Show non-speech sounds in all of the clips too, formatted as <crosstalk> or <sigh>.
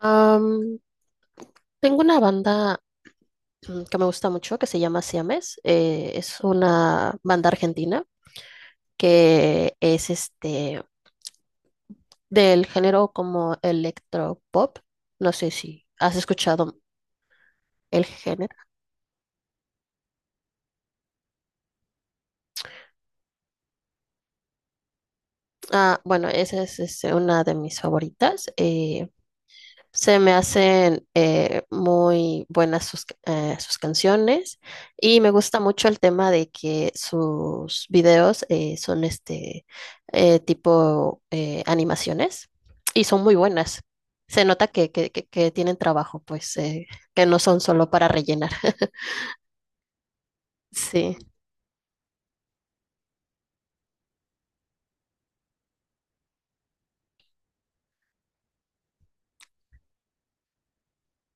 Am, Tengo una banda que me gusta mucho que se llama Siames. Eh, es una banda argentina que es del género como electropop. No sé si has escuchado el género. Ah, bueno, esa es, una de mis favoritas. Se me hacen muy buenas sus canciones, y me gusta mucho el tema de que sus videos son tipo animaciones y son muy buenas. Se nota que, que tienen trabajo, pues que no son solo para rellenar. <laughs> Sí.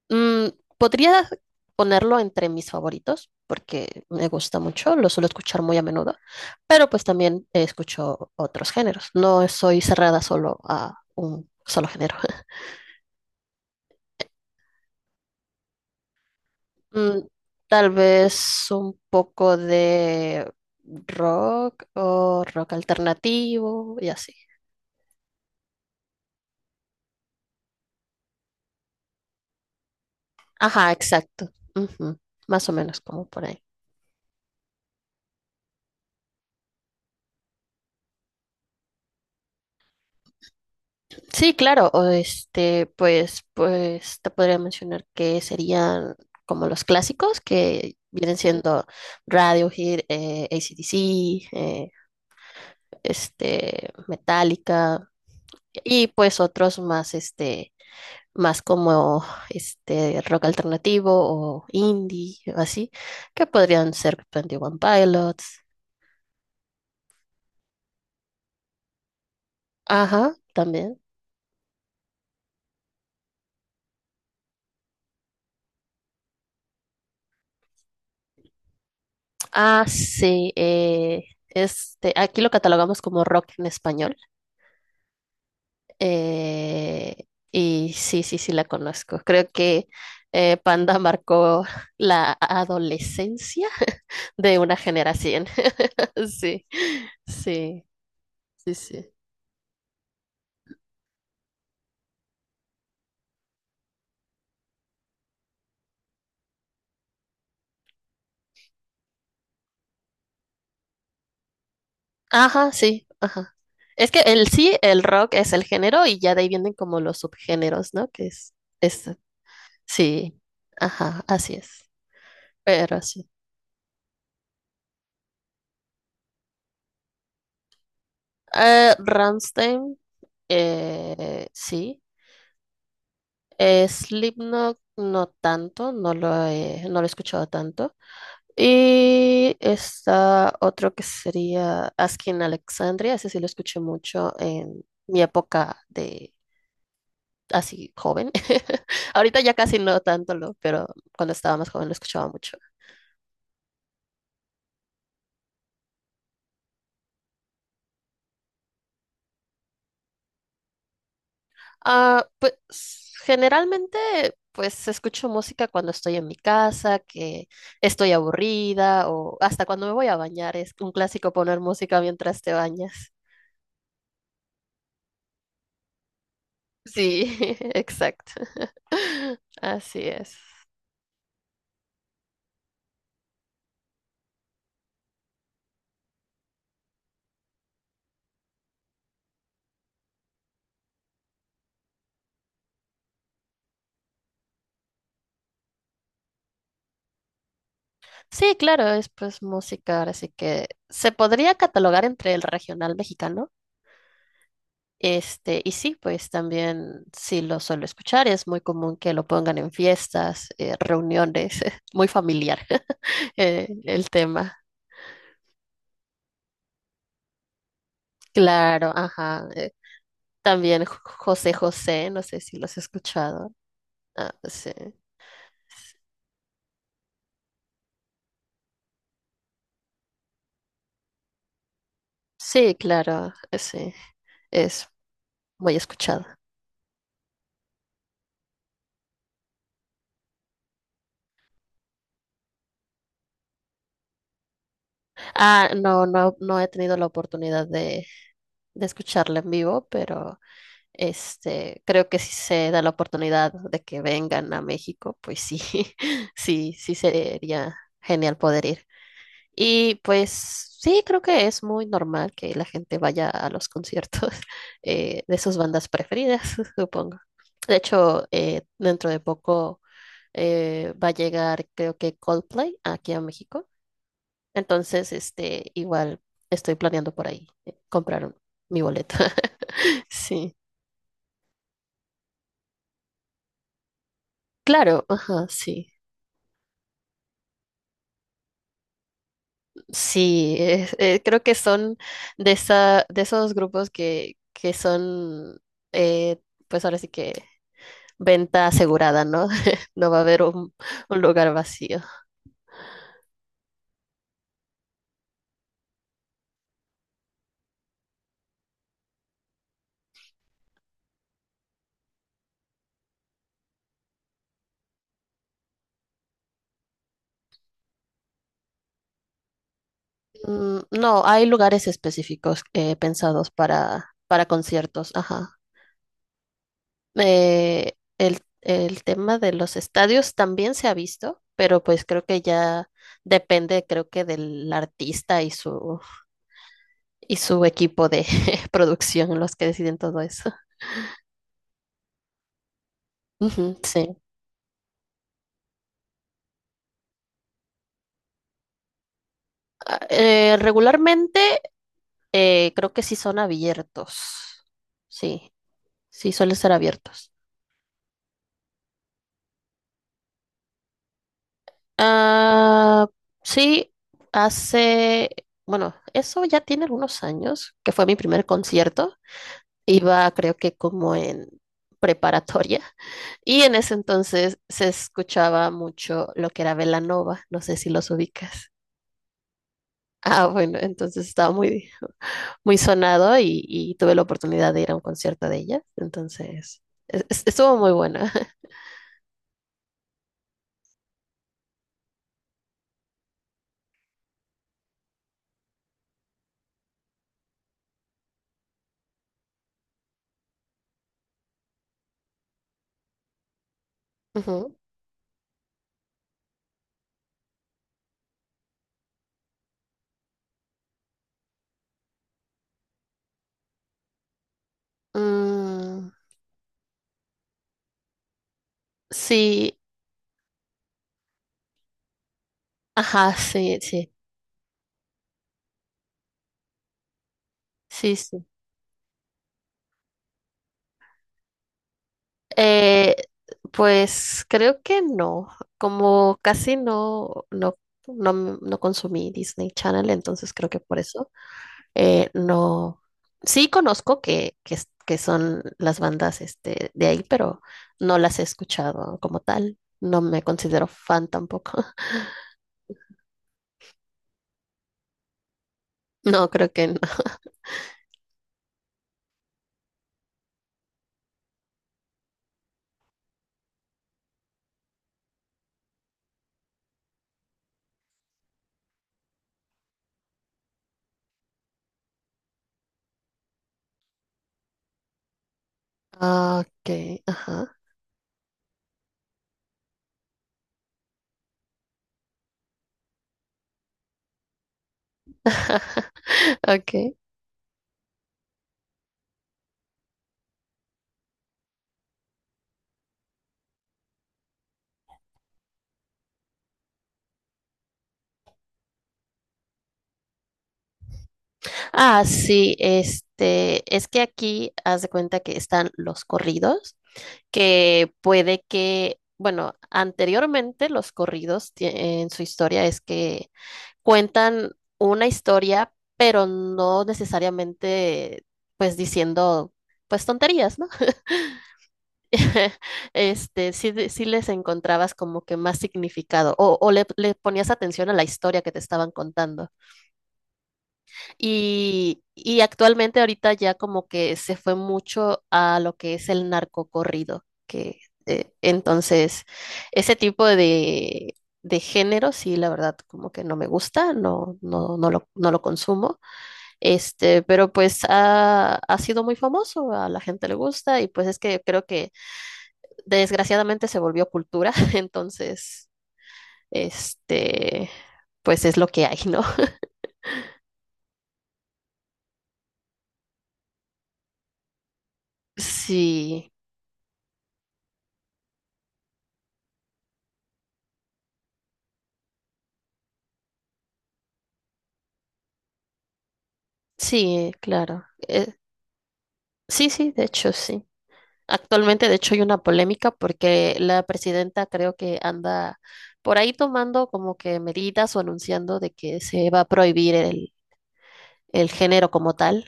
Mm, Podría ponerlo entre mis favoritos porque me gusta mucho, lo suelo escuchar muy a menudo, pero pues también escucho otros géneros. No soy cerrada solo a un solo género. <laughs> Mm, Tal vez un poco de rock o rock alternativo y así. Ajá, exacto. Ujú, más o menos como por ahí. Sí, claro, o pues te podría mencionar que serían como los clásicos que vienen siendo Radiohead, AC/DC, eh, Metallica y pues otros más, más como rock alternativo o indie o así, que podrían ser Twenty One Pilots. Ajá, también. Ah, sí, aquí lo catalogamos como rock en español. Eh, y sí, sí la conozco. Creo que Panda marcó la adolescencia de una generación. <laughs> Sí, sí, sí, sí. Ajá, sí, ajá. Es que el rock es el género y ya de ahí vienen como los subgéneros, ¿no? Es, sí, ajá, así es. Pero sí. Rammstein, sí. Slipknot no tanto, no lo he escuchado tanto. Y está otro que sería Asking Alexandria, ese sí lo escuché mucho en mi época de así joven. <laughs> Ahorita ya casi no tanto pero cuando estaba más joven lo escuchaba mucho. Ah, pues generalmente pues escucho música cuando estoy en mi casa, que estoy aburrida o hasta cuando me voy a bañar, es un clásico poner música mientras te bañas. Sí, <laughs> exacto. <laughs> Así es. Sí, claro, es pues música, ahora sí que se podría catalogar entre el regional mexicano. Y sí, pues también sí lo suelo escuchar, es muy común que lo pongan en fiestas, reuniones, <laughs> muy familiar <laughs> el tema. Claro, ajá. También José José, no sé si los he escuchado. Ah, sí. Sí, claro, sí, es muy escuchado. Ah, no, no he tenido la oportunidad de escucharla en vivo, pero creo que si se da la oportunidad de que vengan a México, pues sí, <laughs> sí, sí sería genial poder ir. Y pues sí, creo que es muy normal que la gente vaya a los conciertos <laughs> de sus bandas preferidas, <laughs> supongo. De hecho, dentro de poco va a llegar, creo que Coldplay aquí a México. Entonces, igual estoy planeando por ahí comprar mi boleto. <laughs> Sí, claro, ajá, sí. Sí, creo que son de esos grupos que son, eh, pues ahora sí que venta asegurada, ¿no? <laughs> No va a haber un lugar vacío. No, hay lugares específicos pensados para conciertos, ajá. Eh, el tema de los estadios también se ha visto, pero pues creo que ya depende, creo que del artista y y su equipo de <laughs> producción los que deciden todo eso. Ujú, sí. Ah, regularmente creo que sí son abiertos. Sí, sí suelen ser abiertos. Ah, sí, hace, bueno, eso ya tiene algunos años, que fue mi primer concierto. Iba creo que como en preparatoria, y en ese entonces se escuchaba mucho lo que era Belanova, no sé si los ubicas. Ah, bueno, entonces estaba muy, muy sonado, y tuve la oportunidad de ir a un concierto de ella. Entonces estuvo muy buena. <laughs> Ujú. Mm, sí, ajá, sí, sí, sí. Eh, pues creo que no. Como casi no, no, no, no consumí Disney Channel, entonces creo que por eso no. Sí conozco que son las bandas de ahí, pero no las he escuchado como tal. No me considero fan tampoco. <laughs> No, creo que no. Ah, ok, ajá. <laughs> Okay. Ah, sí, es que aquí haz de cuenta que están los corridos que puede que, bueno, anteriormente los corridos en su historia es que cuentan una historia, pero no necesariamente pues diciendo pues tonterías, ¿no? <laughs> Sí, sí les encontrabas como que más significado, o le ponías atención a la historia que te estaban contando. Y actualmente ahorita ya como que se fue mucho a lo que es el narcocorrido. Que eh, entonces ese tipo de género, sí, la verdad como que no me gusta, no lo consumo. Pero pues ha sido muy famoso, a la gente le gusta y pues es que creo que desgraciadamente se volvió cultura, <laughs> entonces, este, pues es lo que hay, ¿no? Sí, sí, claro. Sí, sí, de hecho, sí. Actualmente, de hecho, hay una polémica porque la presidenta creo que anda por ahí tomando como que medidas o anunciando de que se va a prohibir el género como tal.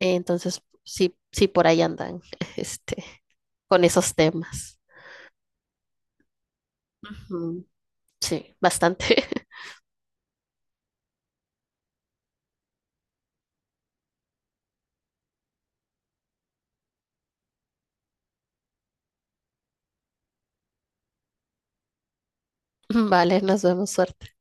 Entonces, sí, sí, por ahí andan, <laughs> este, con esos temas. Ujú, sí, bastante. <laughs> Vale, nos vemos, suerte.